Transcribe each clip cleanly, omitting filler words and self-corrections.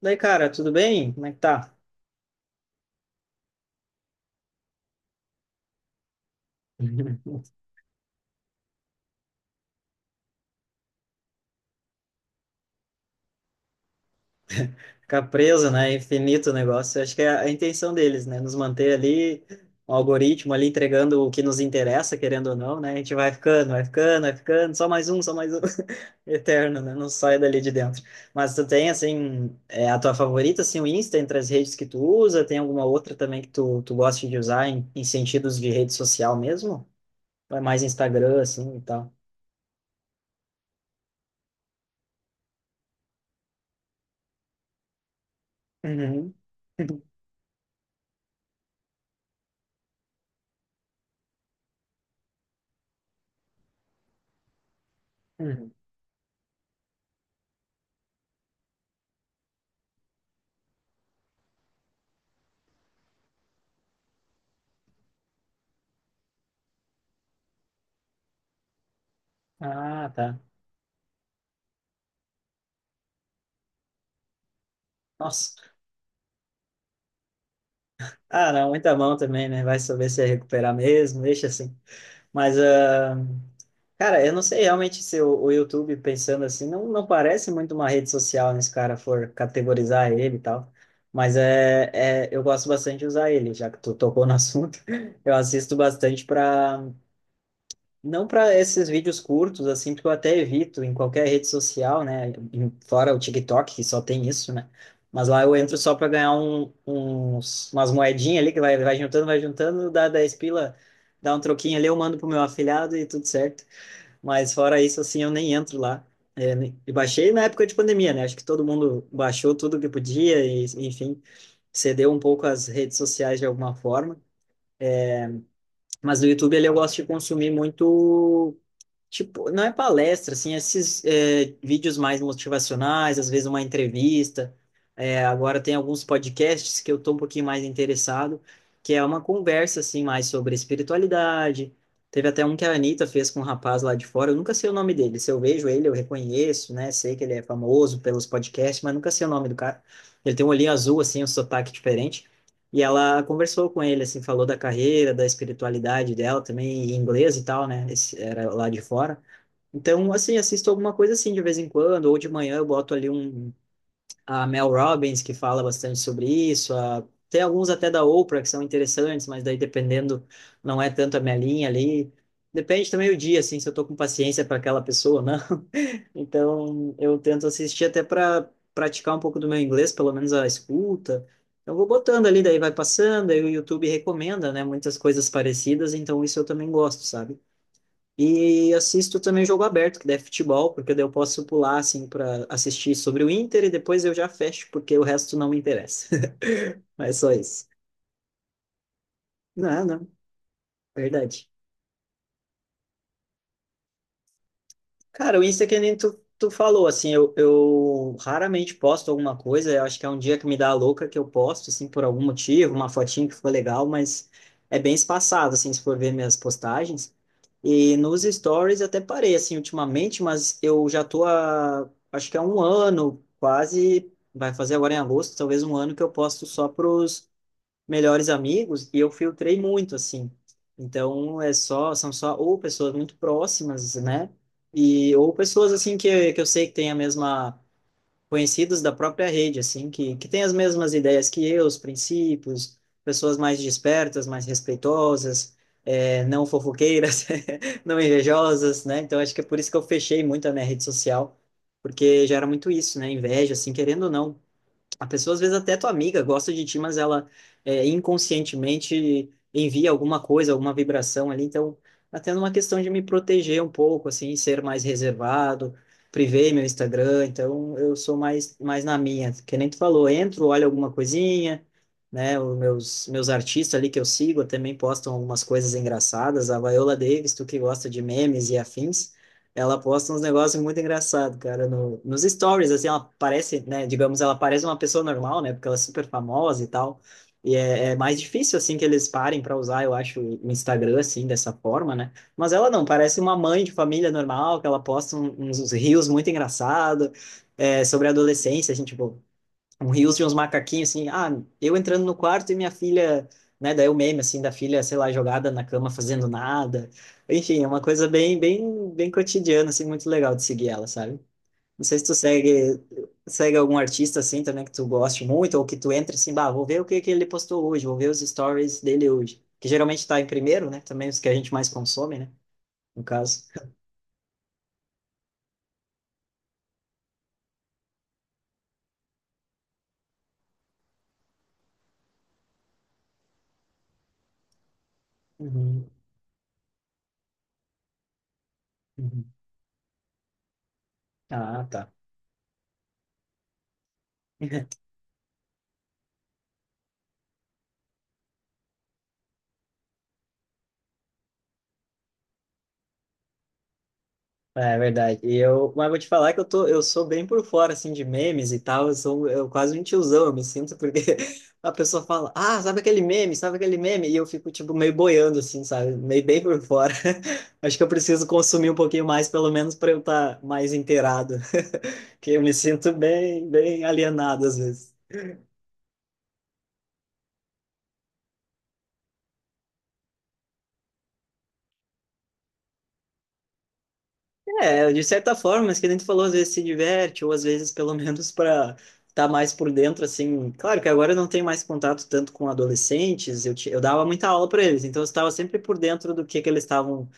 Daí, cara, tudo bem? Como é que tá? Ficar preso, né? Infinito o negócio. Acho que é a intenção deles, né? Nos manter ali, um algoritmo ali entregando o que nos interessa, querendo ou não, né? A gente vai ficando, vai ficando, vai ficando, só mais um, só mais um. Eterno, né? Não sai dali de dentro. Mas tu tem, assim, a tua favorita, assim, o Insta entre as redes que tu usa? Tem alguma outra também que tu gosta de usar em sentidos de rede social mesmo? Ou é mais Instagram, assim, e tal? Uhum. Uhum. Ah, tá. Nossa. Ah, não, muita mão também, né? Vai saber se é recuperar mesmo, deixa assim. Mas, ah, cara, eu não sei realmente se o YouTube, pensando assim, não parece muito uma rede social, né? Se o cara for categorizar ele e tal. Mas é, eu gosto bastante de usar ele, já que tu tocou no assunto. Eu assisto bastante para não para esses vídeos curtos, assim, porque eu até evito em qualquer rede social, né? Fora o TikTok, que só tem isso, né? Mas lá eu entro só para ganhar umas moedinhas ali, que vai juntando, vai juntando, dá 10 pila, dá um troquinho ali, eu mando pro meu afilhado e tudo certo. Mas fora isso, assim, eu nem entro lá. É, e baixei na época de pandemia, né? Acho que todo mundo baixou tudo que podia e, enfim, cedeu um pouco às redes sociais de alguma forma. Mas no YouTube ali eu gosto de consumir muito tipo, não é palestra, assim, é esses vídeos mais motivacionais, às vezes uma entrevista. É, agora tem alguns podcasts que eu tô um pouquinho mais interessado, que é uma conversa, assim, mais sobre espiritualidade. Teve até um que a Anitta fez com um rapaz lá de fora, eu nunca sei o nome dele. Se eu vejo ele, eu reconheço, né? Sei que ele é famoso pelos podcasts, mas nunca sei o nome do cara. Ele tem um olhinho azul, assim, um sotaque diferente. E ela conversou com ele, assim, falou da carreira, da espiritualidade dela também, em inglês e tal, né? Esse, era lá de fora. Então, assim, assisto alguma coisa assim de vez em quando, ou de manhã eu boto ali a Mel Robbins, que fala bastante sobre isso, a, tem alguns até da Oprah que são interessantes, mas daí dependendo, não é tanto a minha linha ali. Depende também o dia, assim, se eu tô com paciência para aquela pessoa ou não. Então, eu tento assistir até para praticar um pouco do meu inglês, pelo menos a escuta. Eu vou botando ali, daí vai passando, aí o YouTube recomenda, né, muitas coisas parecidas, então isso eu também gosto, sabe? E assisto também jogo aberto, que daí é futebol, porque daí eu posso pular, assim, para assistir sobre o Inter e depois eu já fecho, porque o resto não me interessa. Mas só isso. Não, não, verdade. Cara, o Insta é que nem tu, tu falou, assim, eu raramente posto alguma coisa, eu acho que é um dia que me dá a louca que eu posto, assim, por algum motivo, uma fotinha que ficou legal, mas é bem espaçado, assim, se for ver minhas postagens. E nos stories até parei, assim, ultimamente, mas eu já tô há, acho que há um ano, quase, vai fazer agora em agosto, talvez um ano que eu posto só pros melhores amigos e eu filtrei muito assim. Então é só são só ou pessoas muito próximas, né? E ou pessoas assim que eu sei que têm a mesma conhecidos da própria rede assim, que têm as mesmas ideias que eu, os princípios, pessoas mais despertas, mais respeitosas, não fofoqueiras, não invejosas, né? Então acho que é por isso que eu fechei muito a minha rede social, porque já era muito isso, né? Inveja assim, querendo ou não a pessoa, às vezes, até é tua amiga gosta de ti, mas ela inconscientemente envia alguma coisa, alguma vibração ali. Então, até numa questão de me proteger um pouco, assim, ser mais reservado, privei meu Instagram. Então, eu sou mais na minha. Que nem tu falou, entro, olho alguma coisinha, né? Os meus artistas ali que eu sigo também postam algumas coisas engraçadas. A Viola Davis, tu que gosta de memes e afins, ela posta uns negócios muito engraçados, cara, no, nos stories, assim, ela parece, né, digamos, ela parece uma pessoa normal, né, porque ela é super famosa e tal, e é, é mais difícil, assim, que eles parem para usar, eu acho, o Instagram, assim, dessa forma, né, mas ela não, parece uma mãe de família normal, que ela posta uns reels muito engraçados, sobre a adolescência, assim, tipo, um rios de uns macaquinhos, assim, ah, eu entrando no quarto e minha filha, né, daí o meme, assim, da filha, sei lá, jogada na cama fazendo nada, enfim, é uma coisa bem, bem, bem cotidiana, assim, muito legal de seguir ela, sabe? Não sei se tu segue, segue algum artista, assim, também que tu goste muito, ou que tu entra assim, bah, vou ver o que que ele postou hoje, vou ver os stories dele hoje, que geralmente tá em primeiro, né, também os que a gente mais consome, né, no caso. Uhum, uhum. Ah, tá. É verdade. E eu, mas vou te falar que eu tô, eu sou bem por fora assim de memes e tal. Eu quase um tiozão, eu me sinto porque a pessoa fala, ah, sabe aquele meme, e eu fico tipo meio boiando assim, sabe, meio bem por fora. Acho que eu preciso consumir um pouquinho mais, pelo menos para eu estar mais inteirado, que eu me sinto bem, bem alienado às vezes. É, de certa forma, mas que nem tu falou, às vezes se diverte, ou às vezes pelo menos para estar mais por dentro, assim. Claro que agora eu não tenho mais contato tanto com adolescentes, eu dava muita aula para eles, então eu estava sempre por dentro do que eles estavam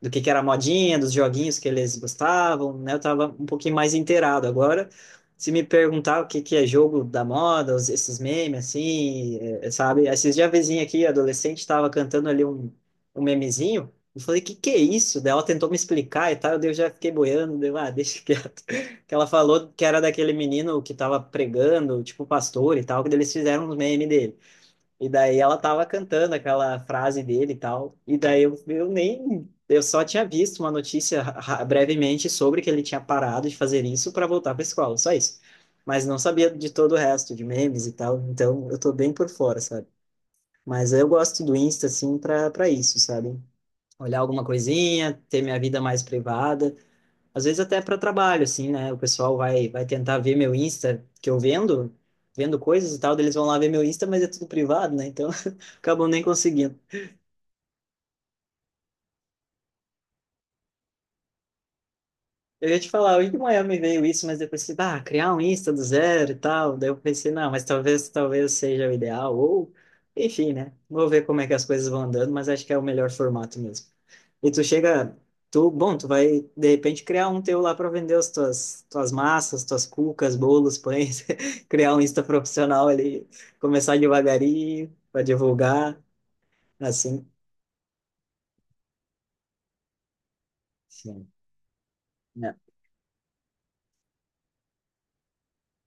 do que era a modinha, dos joguinhos que eles gostavam, né? Eu tava um pouquinho mais inteirado. Agora, se me perguntar o que que é jogo da moda, esses memes, assim, é, sabe? Esses dias a vizinha aqui, adolescente, estava cantando ali um, um memezinho. Eu falei, que é isso? Daí ela tentou me explicar e tal, daí eu já fiquei boiando, deu, ah, deixa quieto. Que ela falou que era daquele menino que tava pregando, tipo pastor e tal, que daí eles fizeram um meme dele. E daí ela tava cantando aquela frase dele e tal. E daí eu nem. Eu só tinha visto uma notícia brevemente sobre que ele tinha parado de fazer isso para voltar para escola, só isso. Mas não sabia de todo o resto, de memes e tal. Então eu tô bem por fora, sabe? Mas eu gosto do Insta, assim, pra, pra isso, sabe? Olhar alguma coisinha, ter minha vida mais privada às vezes até para trabalho, assim, né? O pessoal vai tentar ver meu Insta, que eu vendo, vendo coisas e tal, daí eles vão lá ver meu Insta, mas é tudo privado, né? Então, acabam nem conseguindo. Eu ia te falar, em Miami veio isso, mas depois pensei, ah, criar um Insta do zero e tal. Daí eu pensei, não, mas talvez, talvez seja o ideal, ou enfim, né? Vou ver como é que as coisas vão andando, mas acho que é o melhor formato mesmo. E tu chega, tu, bom, tu vai de repente criar um teu lá para vender as tuas massas, tuas cucas, bolos, pães, criar um Insta profissional ali, começar devagarinho para divulgar, assim. Sim. Né?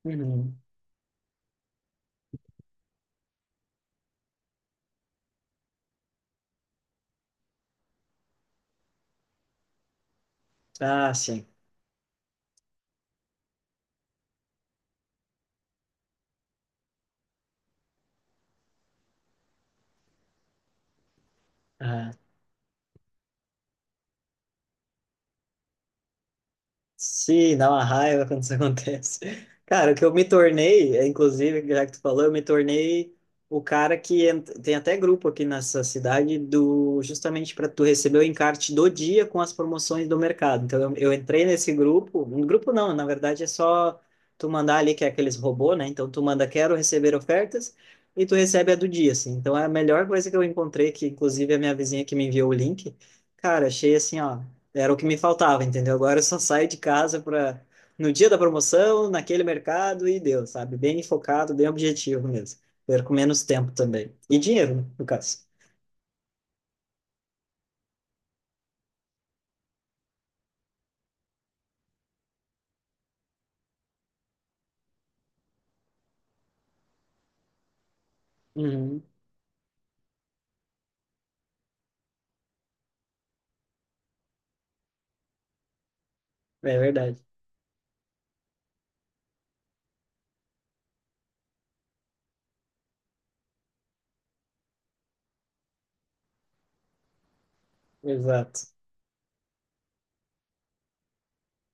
Uhum. Ah, sim. Ah. Sim, dá uma raiva quando isso acontece. Cara, o que eu me tornei, é, inclusive, já que tu falou, eu me tornei o cara que tem até grupo aqui nessa cidade do justamente para tu receber o encarte do dia com as promoções do mercado. Então eu entrei nesse grupo, um grupo não, na verdade é só tu mandar ali que é aqueles robô, né? Então tu manda quero receber ofertas e tu recebe a do dia, assim. Então é a melhor coisa que eu encontrei, que inclusive a minha vizinha que me enviou o link. Cara, achei assim, ó. Era o que me faltava, entendeu? Agora eu só saio de casa para no dia da promoção, naquele mercado e deu, sabe? Bem focado, bem objetivo mesmo. Perco menos tempo também. E dinheiro, né, no caso. Uhum. É verdade. Exato.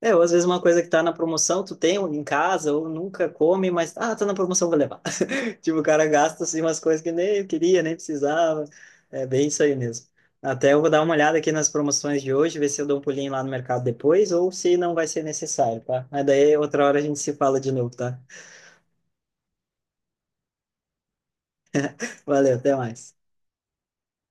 É, ou às vezes uma coisa que tá na promoção, tu tem em casa ou nunca come, mas ah, tá na promoção, vou levar. Tipo, o cara gasta assim, umas coisas que nem queria, nem precisava. É bem isso aí mesmo. Até eu vou dar uma olhada aqui nas promoções de hoje, ver se eu dou um pulinho lá no mercado depois ou se não vai ser necessário, tá? Mas daí outra hora a gente se fala de novo, tá? Valeu, até mais.